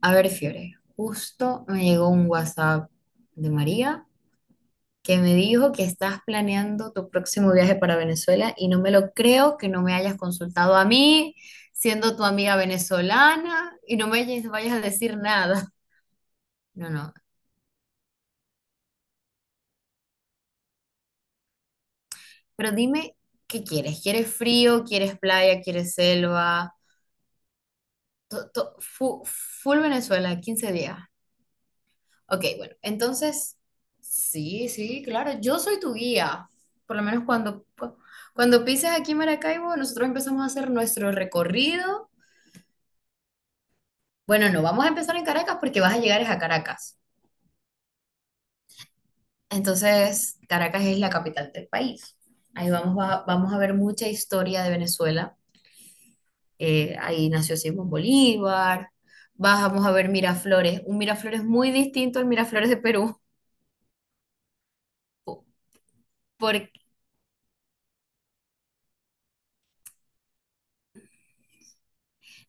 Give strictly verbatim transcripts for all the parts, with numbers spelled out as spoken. A ver, Fiore, justo me llegó un WhatsApp de María que me dijo que estás planeando tu próximo viaje para Venezuela y no me lo creo que no me hayas consultado a mí, siendo tu amiga venezolana, y no me hayas- vayas a decir nada. No, no, pero dime, ¿qué quieres? ¿Quieres frío? ¿Quieres playa? ¿Quieres selva? To- to- fu- full Venezuela, quince días. Ok, bueno, entonces, sí, sí, claro, yo soy tu guía. Por lo menos cuando, cu- cuando pises aquí en Maracaibo, nosotros empezamos a hacer nuestro recorrido. Bueno, no, vamos a empezar en Caracas porque vas a llegar es a Caracas. Entonces, Caracas es la capital del país. Ahí vamos a, vamos a ver mucha historia de Venezuela. Eh, ahí nació Simón Bolívar. Vas- Vamos a ver Miraflores, un Miraflores muy distinto al Miraflores de Perú. po- porque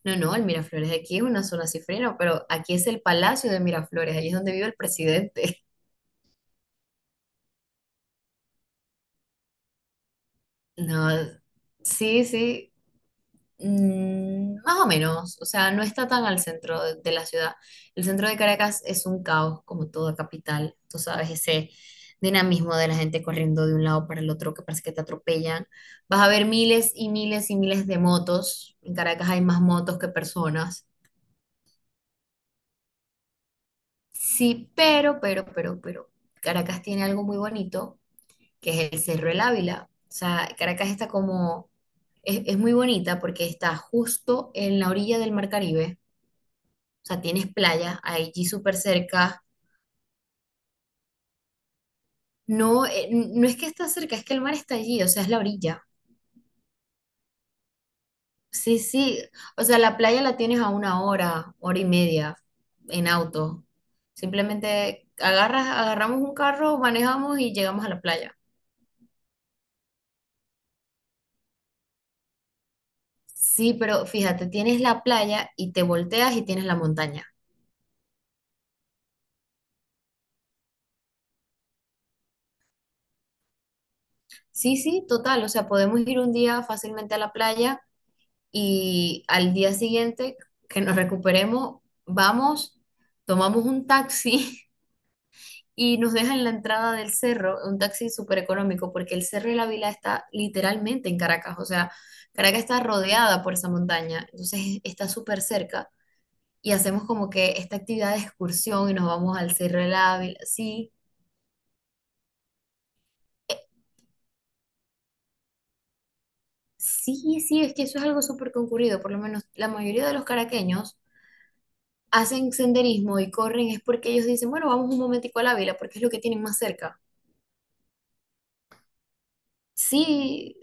No, no, el Miraflores de aquí es una zona cifrina, pero aquí es el Palacio de Miraflores, allí es donde vive el presidente. No, sí, sí, mm, más o menos, o sea, no está tan al centro de, de la ciudad. El centro de Caracas es un caos, como toda capital, tú sabes, ese dinamismo de la gente corriendo de un lado para el otro que parece que te atropellan. Vas a ver miles y miles y miles de motos. En Caracas hay más motos que personas. Sí, pero, pero, pero, pero, Caracas tiene algo muy bonito que es el Cerro El Ávila. O sea, Caracas está como, es, es muy bonita porque está justo en la orilla del Mar Caribe. O sea, tienes playa allí súper cerca. No, eh, no es que está cerca, es que el mar está allí, o sea, es la orilla. Sí, sí. O sea, la playa la tienes a una hora, hora y media en auto. Simplemente agarras, agarramos un carro, manejamos y llegamos a la playa. Sí, pero fíjate, tienes la playa y te volteas y tienes la montaña. Sí, sí, total. O sea, podemos ir un día fácilmente a la playa y al día siguiente que nos recuperemos, vamos, tomamos un taxi y nos dejan en la entrada del cerro, un taxi súper económico, porque el Cerro de la Vila está literalmente en Caracas. O sea, Caracas está rodeada por esa montaña, entonces está súper cerca y hacemos como que esta actividad de excursión y nos vamos al Cerro de la Vila. Sí, sí, sí, es que eso es algo súper concurrido. Por lo menos la mayoría de los caraqueños hacen senderismo y corren es porque ellos dicen, bueno, vamos un momentico a la vela porque es lo que tienen más cerca. Sí,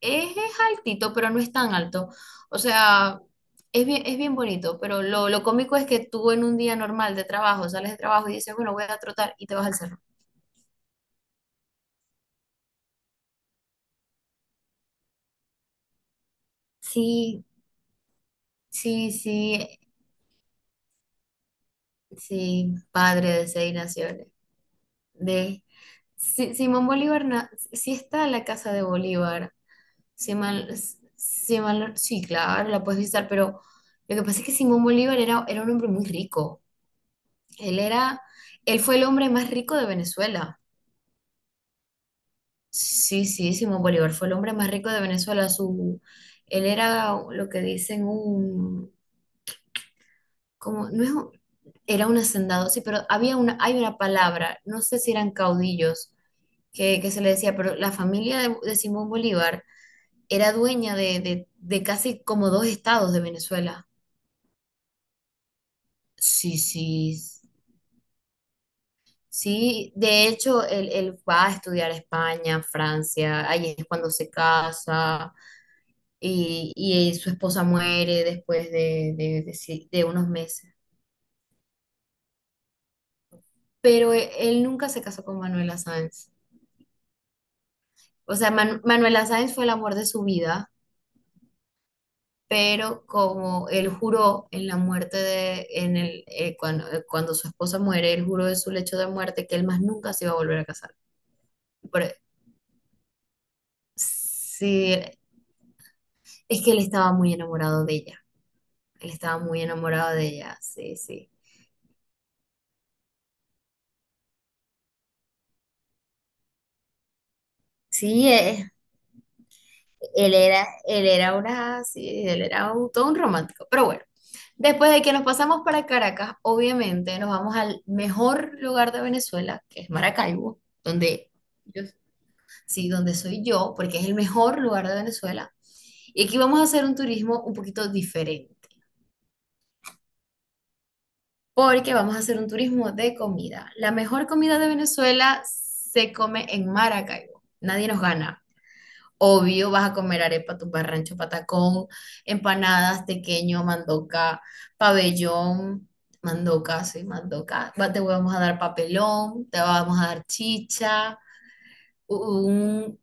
es, es altito, pero no es tan alto. O sea, es bien, es bien bonito, pero lo, lo cómico es que tú en un día normal de trabajo, sales de trabajo y dices, bueno, voy a trotar y te vas al cerro. Sí, sí, sí, sí, padre de seis naciones. De, Si- Simón Bolívar, na- sí está la casa de Bolívar. Si mal, si mal no- Sí, claro, la puedes visitar, pero lo que pasa es que Simón Bolívar era, era un hombre muy rico. Él era, él fue el hombre más rico de Venezuela. Sí, sí, Simón Bolívar fue el hombre más rico de Venezuela. Su, él era lo que dicen un, como, no es un- era un hacendado, sí, pero había una, hay una palabra, no sé si eran caudillos que, que se le decía, pero la familia de, de Simón Bolívar era dueña de, de de casi como dos estados de Venezuela. Sí, sí, sí. De hecho, él, él va a estudiar a España, Francia, ahí es cuando se casa y, y su esposa muere después de, de, de si- de unos meses. Pero e- él, nunca se casó con Manuela Sáenz. O sea, Man- Manuela Sáenz fue el amor de su vida, pero como él juró en la muerte de, en el, eh, cuando, eh, cuando su esposa muere, él juró de su lecho de muerte que él más nunca se iba a volver a casar. Por- e, Sí, es que él estaba muy enamorado de ella. Él estaba muy enamorado de ella, sí, sí. Sí, eh, él era, Él era una, sí, él era un- todo un romántico. Pero bueno, después de que nos pasamos para Caracas, obviamente nos vamos al mejor lugar de Venezuela, que es Maracaibo, donde yo, sí, donde soy yo, porque es el mejor lugar de Venezuela. Y aquí vamos a hacer un turismo un poquito diferente porque vamos a hacer un turismo de comida. La mejor comida de Venezuela se come en Maracaibo. Nadie nos gana. Obvio, vas a comer arepa, tumbarrancho, patacón, empanadas, tequeño, mandoca, pabellón, mandoca, sí, mandoca. Va- Te vamos a dar papelón, te vamos a dar chicha, un.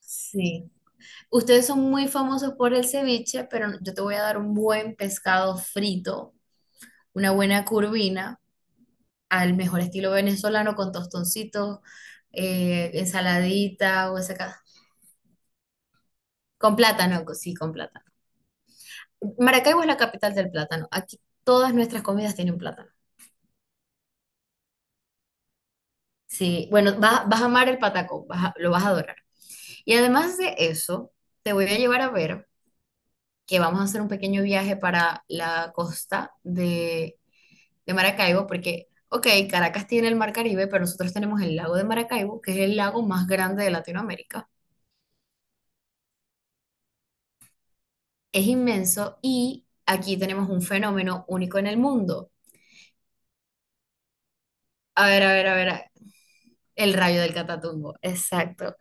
Sí. Ustedes son muy famosos por el ceviche, pero yo te voy a dar un buen pescado frito, una buena curvina al mejor estilo venezolano con tostoncitos, eh, ensaladita o esa ca- con plátano, co- sí, con plátano. Maracaibo es la capital del plátano. Aquí todas nuestras comidas tienen plátano. Sí, bueno, vas, vas a amar el patacón, vas a- lo vas a adorar. Y además de eso, te voy a llevar a ver que vamos a hacer un pequeño viaje para la costa de, de Maracaibo, porque, ok, Caracas tiene el Mar Caribe, pero nosotros tenemos el lago de Maracaibo, que es el lago más grande de Latinoamérica. Es inmenso y aquí tenemos un fenómeno único en el mundo. A ver, a ver, a ver, a- el rayo del Catatumbo, exacto.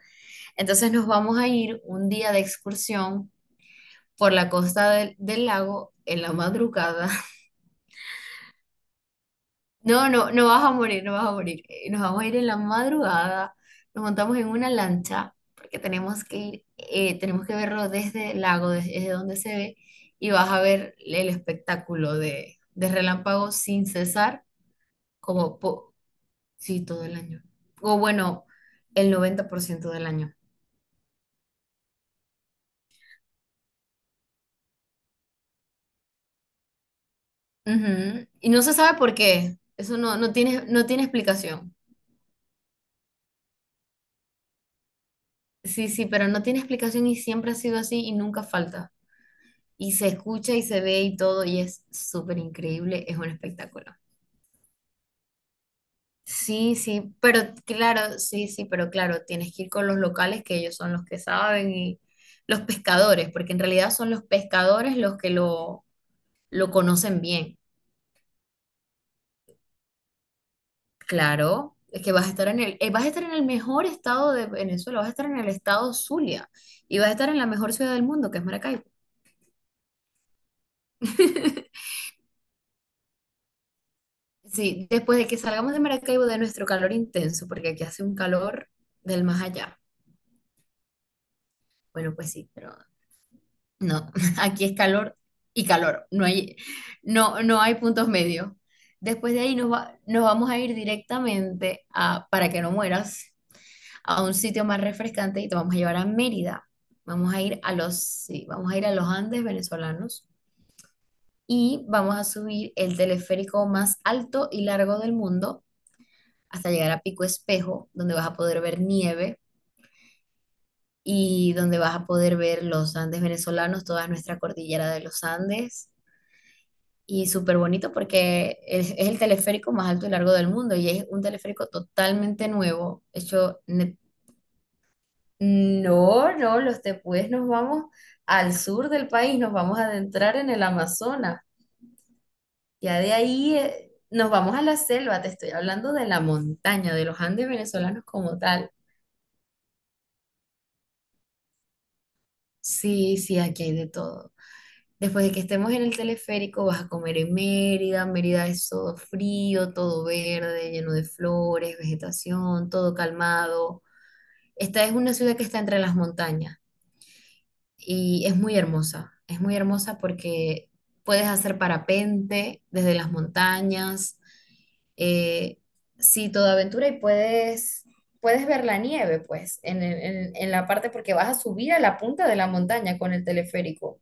Entonces nos vamos a ir un día de excursión por la costa del, del lago en la madrugada. No, no, no vas a morir, no vas a morir. Eh, Nos vamos a ir en la madrugada, nos montamos en una lancha porque tenemos que ir, eh, tenemos que verlo desde el lago, des- desde donde se ve, y vas a ver el espectáculo de, de relámpagos sin cesar. como po- Sí, todo el año. O bueno, el noventa por ciento del año. Ujú. Y no se sabe por qué. Eso no, no tiene, no tiene explicación. Sí, sí, pero no tiene explicación y siempre ha sido así y nunca falta. Y se escucha y se ve y todo y es súper increíble, es un espectáculo. Sí, sí, pero claro, sí, sí, pero claro, tienes que ir con los locales que ellos son los que saben y los pescadores, porque en realidad son los pescadores los que lo, lo conocen bien. Claro, es que vas a estar en el, eh, vas a estar en el mejor estado de Venezuela, vas a estar en el estado Zulia y vas a estar en la mejor ciudad del mundo, que es Maracaibo. Sí, después de que salgamos de Maracaibo de nuestro calor intenso, porque aquí hace un calor del más allá. Bueno, pues sí, pero no, aquí es calor y calor, no hay, no, no hay puntos medios. Después de ahí nos va- nos vamos a ir directamente a para que no mueras, a un sitio más refrescante y te vamos a llevar a Mérida. Vamos a ir a los, Sí, vamos a ir a los Andes venezolanos y vamos a subir el teleférico más alto y largo del mundo hasta llegar a Pico Espejo, donde vas a poder ver nieve y donde vas a poder ver los Andes venezolanos, toda nuestra cordillera de los Andes. Y súper bonito porque es, es el teleférico más alto y largo del mundo y es un teleférico totalmente nuevo. hecho ne- No, no, los tepuyes nos vamos al sur del país, nos vamos a adentrar en el Amazonas. Ya de ahí eh, nos vamos a la selva, te estoy hablando de la montaña, de los Andes venezolanos como tal. Sí, sí, aquí hay de todo. Después de que estemos en el teleférico, vas a comer en Mérida. Mérida es todo frío, todo verde, lleno de flores, vegetación, todo calmado. Esta es una ciudad que está entre las montañas, y es muy hermosa. Es muy hermosa porque puedes hacer parapente desde las montañas, eh, sí, toda aventura y puedes, puedes ver la nieve, pues, en, el- en, en la parte porque vas a subir a la punta de la montaña con el teleférico.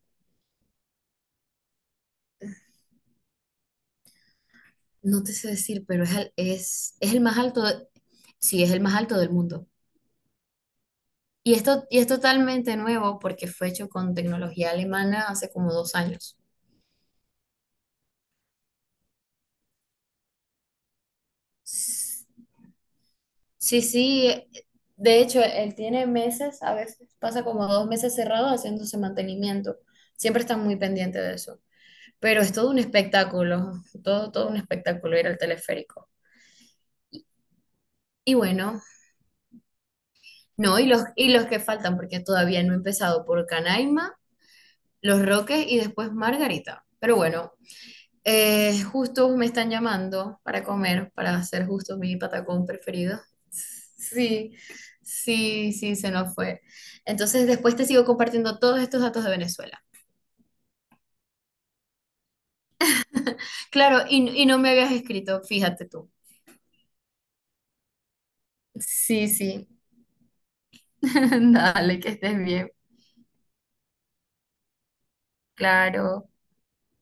No te sé decir, pero es, al- es, es el más alto, de- sí, es el más alto del mundo. Y esto, y es totalmente nuevo porque fue hecho con tecnología alemana hace como dos años. Sí, sí, eh, de hecho, él tiene meses, a veces pasa como dos meses cerrado haciéndose mantenimiento. Siempre están muy pendientes de eso. Pero es todo un espectáculo, todo, todo un espectáculo ir al teleférico. Y bueno, no, y los, y los que faltan, porque todavía no he empezado por Canaima, Los Roques y después Margarita. Pero bueno, Eh, justo me están llamando para comer, para hacer justo mi patacón preferido. Sí, sí, sí, se nos fue. Entonces después te sigo compartiendo todos estos datos de Venezuela. Claro, y, y no me habías escrito, fíjate tú. Sí, sí. Dale, que estés bien. Claro.